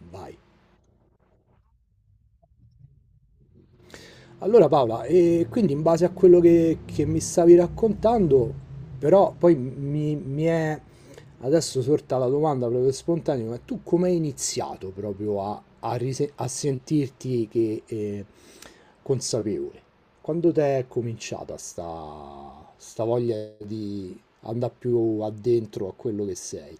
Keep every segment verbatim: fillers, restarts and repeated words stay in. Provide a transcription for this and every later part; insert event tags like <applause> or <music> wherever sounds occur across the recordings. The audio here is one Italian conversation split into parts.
Vai. Allora Paola, e quindi in base a quello che, che mi stavi raccontando, però poi mi, mi è adesso sorta la domanda proprio spontanea, ma tu come hai iniziato proprio a, a rise- a sentirti che, eh, consapevole? Quando ti è cominciata sta, sta voglia di andare più addentro a quello che sei?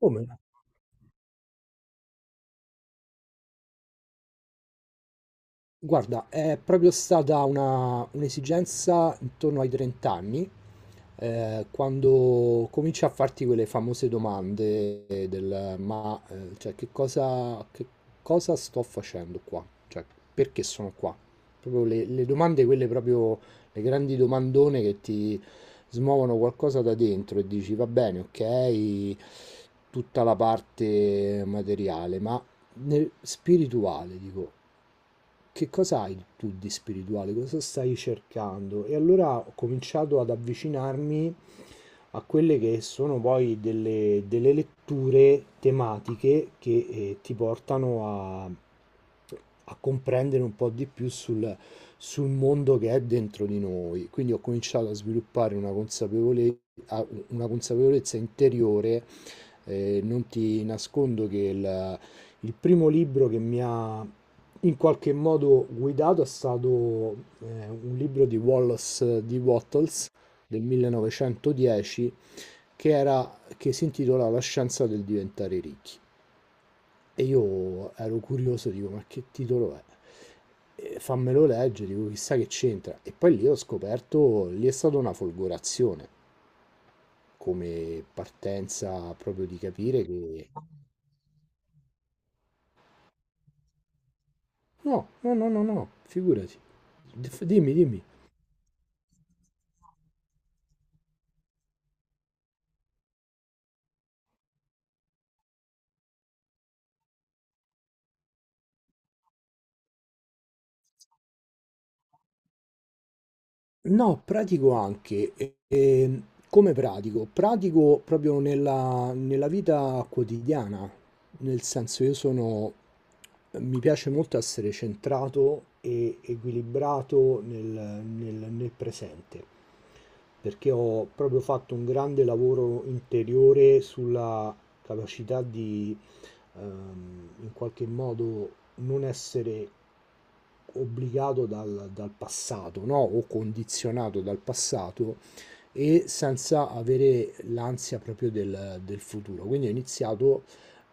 Come? Guarda, è proprio stata una, un'esigenza intorno ai trenta anni, eh, quando cominci a farti quelle famose domande del ma eh, cioè, che cosa, che cosa sto facendo qua? Cioè, perché sono qua? Proprio le, le domande, quelle proprio le grandi domandone che ti smuovono qualcosa da dentro e dici va bene, ok, tutta la parte materiale, ma nel spirituale, dico, che cosa hai tu di spirituale, cosa stai cercando? E allora ho cominciato ad avvicinarmi a quelle che sono poi delle, delle letture tematiche che eh, ti portano a, a comprendere un po' di più sul, sul mondo che è dentro di noi. Quindi ho cominciato a sviluppare una consapevole- a- una consapevolezza interiore. Eh, non ti nascondo che il, il primo libro che mi ha in qualche modo guidato è stato eh, un libro di Wallace di Wattles del millenovecentodieci che era, che si intitola La scienza del diventare ricchi. E io ero curioso, dico, ma che titolo è? E fammelo leggere, dico, chissà che c'entra. E poi lì ho scoperto, lì è stata una folgorazione come partenza proprio di capire che... No, no, no, no, no, figurati. Dif- Dimmi, dimmi. No, pratico anche. e- e come pratico? Pratico proprio nella, nella vita quotidiana, nel senso io sono, mi piace molto essere centrato e equilibrato nel, nel- nel presente, perché ho proprio fatto un grande lavoro interiore sulla capacità di ehm, in qualche modo non essere obbligato dal, dal passato, no? O condizionato dal passato e senza avere l'ansia proprio del, del futuro. Quindi ho iniziato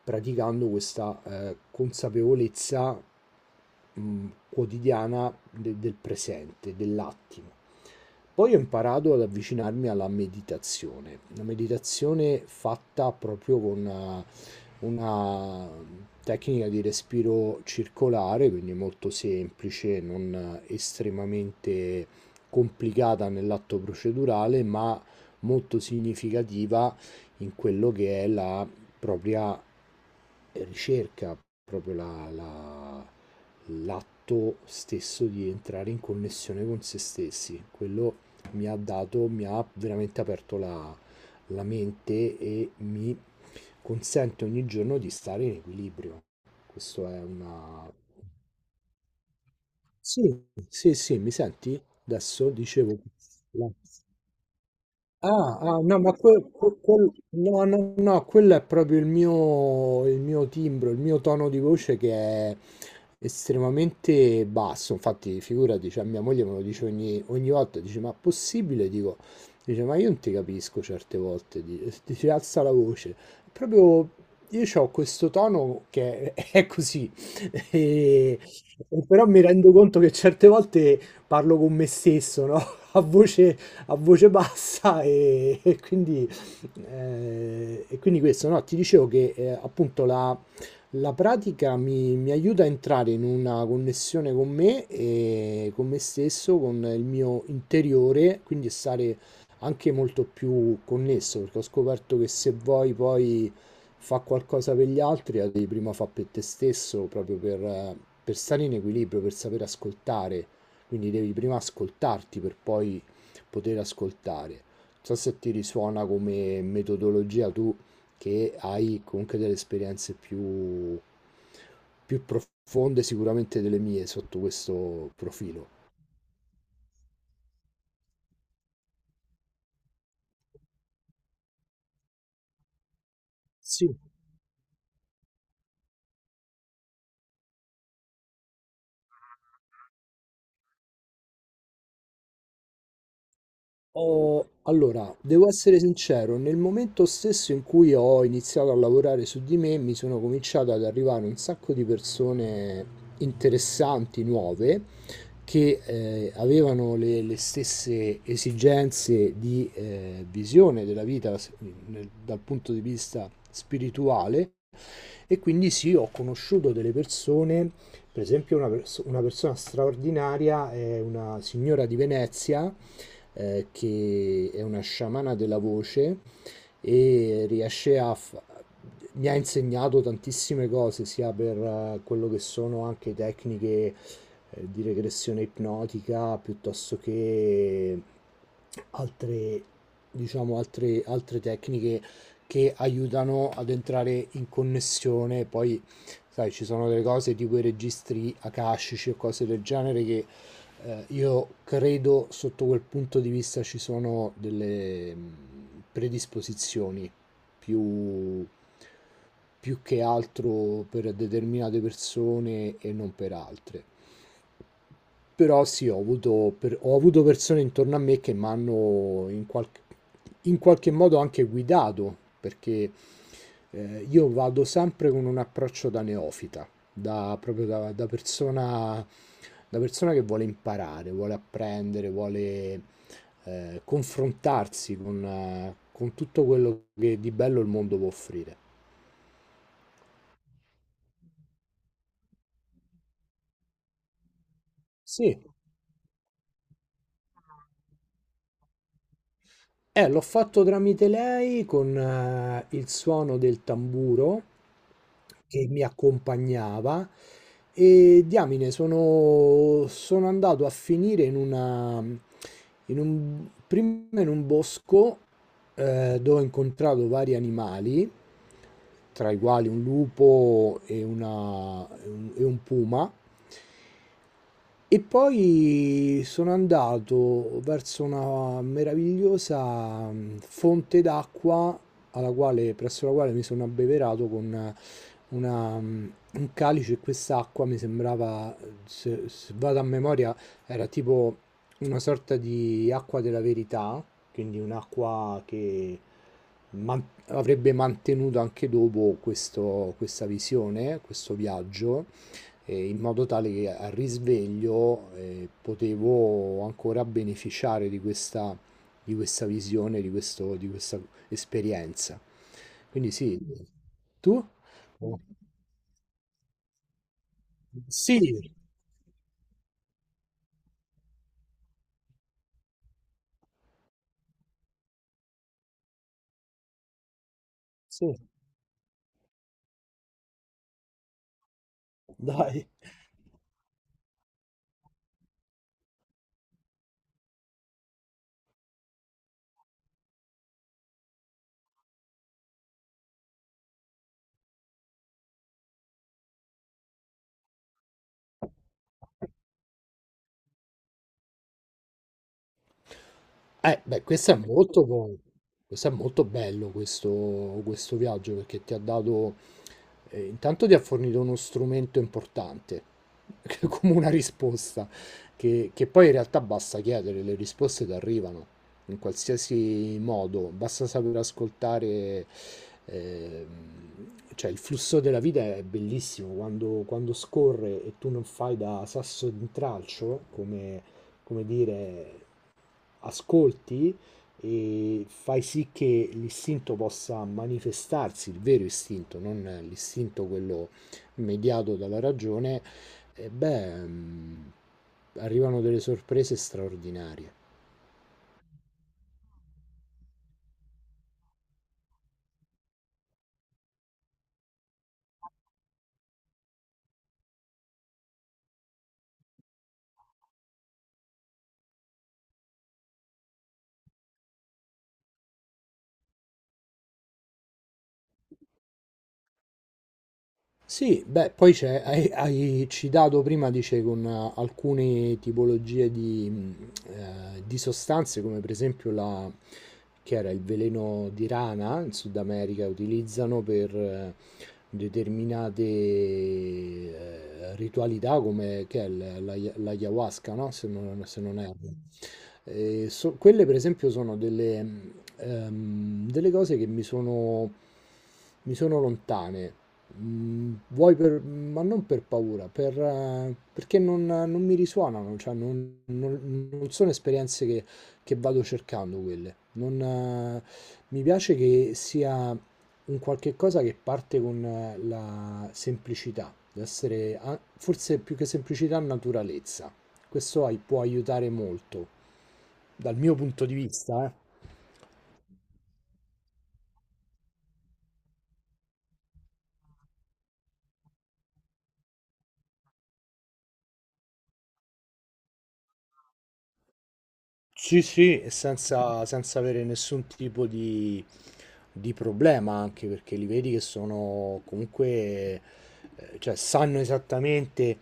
praticando questa eh, consapevolezza mh, quotidiana de- del presente, dell'attimo. Poi ho imparato ad avvicinarmi alla meditazione, una meditazione fatta proprio con eh, una tecnica di respiro circolare, quindi molto semplice, non estremamente complicata nell'atto procedurale, ma molto significativa in quello che è la propria ricerca, proprio la- la- l'atto stesso di entrare in connessione con se stessi. Quello mi ha dato, mi ha veramente aperto la, la mente e mi consente ogni giorno di stare in equilibrio. Questo è una... Sì, sì, sì, mi senti? Adesso dicevo... Ah, ah, no, ma quel, quel- quel- no, no, no, quello è proprio il mio, il mio timbro, il mio tono di voce che è estremamente basso. Infatti, figurati, cioè, mia moglie me lo dice ogni, ogni volta, dice, ma possibile? Dico, dice, ma io non ti capisco certe volte, di- <laughs> dice, alza la voce. Proprio io ho questo tono che è, <laughs> è così, e, e però mi rendo conto che certe volte parlo con me stesso, no? <laughs> A voce a voce bassa e, e quindi, eh, e quindi questo, no? Ti dicevo che eh, appunto la, la pratica mi, mi aiuta a entrare in una connessione con me e con me stesso, con il mio interiore, quindi stare anche molto più connesso, perché ho scoperto che se vuoi poi fa qualcosa per gli altri, la devi prima fare per te stesso, proprio per, eh, per stare in equilibrio, per sapere ascoltare. Quindi devi prima ascoltarti per poi poter ascoltare. Non so se ti risuona come metodologia, tu che hai comunque delle esperienze più, più profonde sicuramente delle mie sotto questo profilo. Sì. Ho- allora, devo essere sincero, nel momento stesso in cui ho iniziato a lavorare su di me, mi sono cominciato ad arrivare un sacco di persone interessanti, nuove, che eh, avevano le, le, stesse esigenze di eh, visione della vita nel, dal punto di vista spirituale e quindi sì, ho conosciuto delle persone, per esempio una, pers- una persona straordinaria, è una signora di Venezia, eh, che è una sciamana della voce. E riesce a... fa- mi ha insegnato tantissime cose, sia per eh, quello che sono anche tecniche eh, di regressione ipnotica, piuttosto che altre, diciamo, altre, altre tecniche che aiutano ad entrare in connessione. Poi, sai, ci sono delle cose tipo i registri akashici o cose del genere che eh, io credo sotto quel punto di vista ci sono delle mh, predisposizioni più, più che altro per determinate persone e non per altre. Però sì, ho avuto, per- ho avuto persone intorno a me che mi hanno in qualche, in qualche modo anche guidato, perché eh, io vado sempre con un approccio da neofita, da, proprio da, da persona, da persona che vuole imparare, vuole apprendere, vuole eh, confrontarsi con, eh, con tutto quello che di bello il mondo può offrire. Sì. Eh, l'ho fatto tramite lei con eh, il suono del tamburo che mi accompagnava e diamine, sono, sono andato a finire in una, in un, prima in un bosco, eh, dove ho incontrato vari animali, tra i quali un lupo e, una- e un e un puma, e poi sono andato verso una meravigliosa mm, fonte d'acqua alla quale, presso la quale mi sono abbeverato con una, mm, un calice, e quest'acqua mi sembrava, se, se vado a memoria, era tipo una sorta di acqua della verità, quindi un'acqua che man- avrebbe mantenuto anche dopo questo- questa visione, questo viaggio, eh, in modo tale che al risveglio eh, potevo ancora beneficiare di questa, di questa visione, di questo- di questa esperienza. Quindi sì, tu? Eh, beh, questo è molto, bo- questo è molto bello, questo, questo, viaggio, perché ti ha dato eh, intanto ti ha fornito uno strumento importante, <laughs> come una risposta, che, che poi in realtà basta chiedere, le risposte ti arrivano in qualsiasi modo, basta saper ascoltare. ehm, cioè il flusso della vita è bellissimo quando, quando scorre e tu non fai da sasso d'intralcio, come, come dire, ascolti e fai sì che l'istinto possa manifestarsi, il vero istinto, non l'istinto quello mediato dalla ragione, e beh, mm, arrivano delle sorprese straordinarie. Sì, beh, poi c'è, hai, hai citato prima, dice, con eh, alcune tipologie di, mh, eh, di sostanze, come per esempio la, che era il veleno di rana in Sud America, utilizzano per eh, determinate eh, ritualità, come che è l- la, l'ayahuasca, no? Se non, se non erro. Eh, so- quelle, per esempio, sono delle, mh, ehm, delle cose che mi sono, mi sono lontane. Mm, Vuoi per, ma non per paura, per, eh, perché non, non mi risuonano, cioè non, non- non sono esperienze che, che vado cercando quelle. Non, eh, mi piace che sia un qualche cosa che parte con eh, la semplicità, deve essere a- forse più che semplicità, naturalezza. Questo ai- può aiutare molto, dal mio punto di vista, eh. Sì, sì, e senza, senza avere nessun tipo di, di problema, anche perché li vedi che sono comunque, eh, cioè sanno esattamente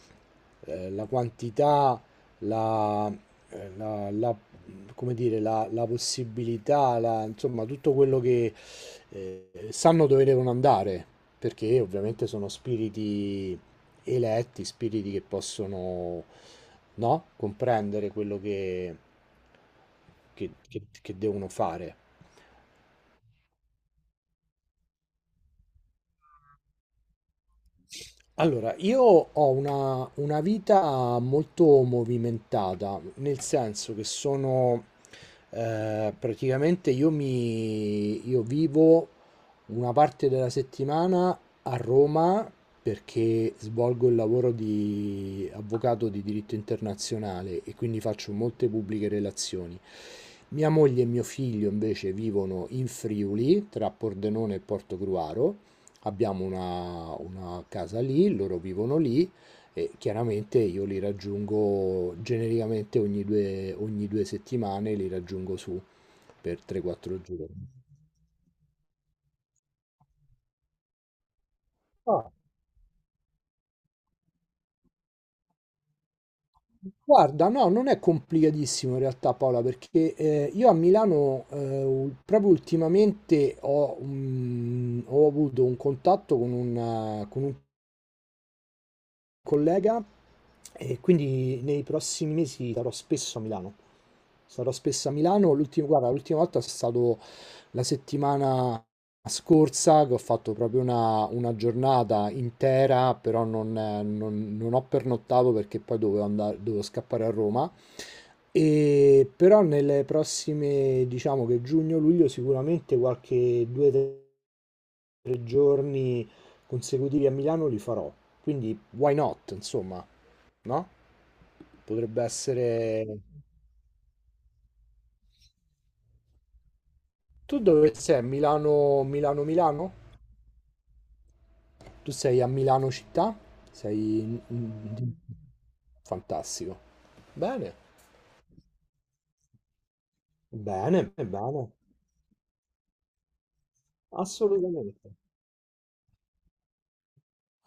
eh, la quantità, la, eh, la- la- come dire, la, la possibilità, la- insomma, tutto quello che eh, sanno dove devono andare, perché ovviamente sono spiriti eletti, spiriti che possono, no? comprendere quello che, che- che- che devono fare. Allora, io ho una, una vita molto movimentata, nel senso che sono eh, praticamente io, mi, io vivo una parte della settimana a Roma perché svolgo il lavoro di avvocato di diritto internazionale e quindi faccio molte pubbliche relazioni. Mia moglie e mio figlio invece vivono in Friuli, tra Pordenone e Portogruaro. Abbiamo una, una casa lì, loro vivono lì e chiaramente io li raggiungo genericamente ogni due, ogni due settimane, li raggiungo su per tre quattro giorni. Ah, guarda, no, non è complicatissimo in realtà Paola, perché eh, io a Milano eh, ul- proprio ultimamente ho, mm, ho avuto un contatto con un, eh, con un collega, e quindi nei prossimi mesi sarò spesso a Milano. Sarò spesso a Milano. L'ultimo, guarda, l'ultima volta è stato la settimana scorsa che ho fatto proprio una, una giornata intera, però non, eh, non- non ho pernottato perché poi dovevo andare, dovevo scappare a Roma. E però nelle prossime, diciamo che giugno-luglio, sicuramente qualche due o tre giorni consecutivi a Milano li farò. Quindi, why not, insomma, no? Potrebbe essere... Tu dove sei? Milano, Milano, Milano? Tu sei a Milano città? Sei... in- in- di- Fantastico. Bene, bene, bene. Assolutamente.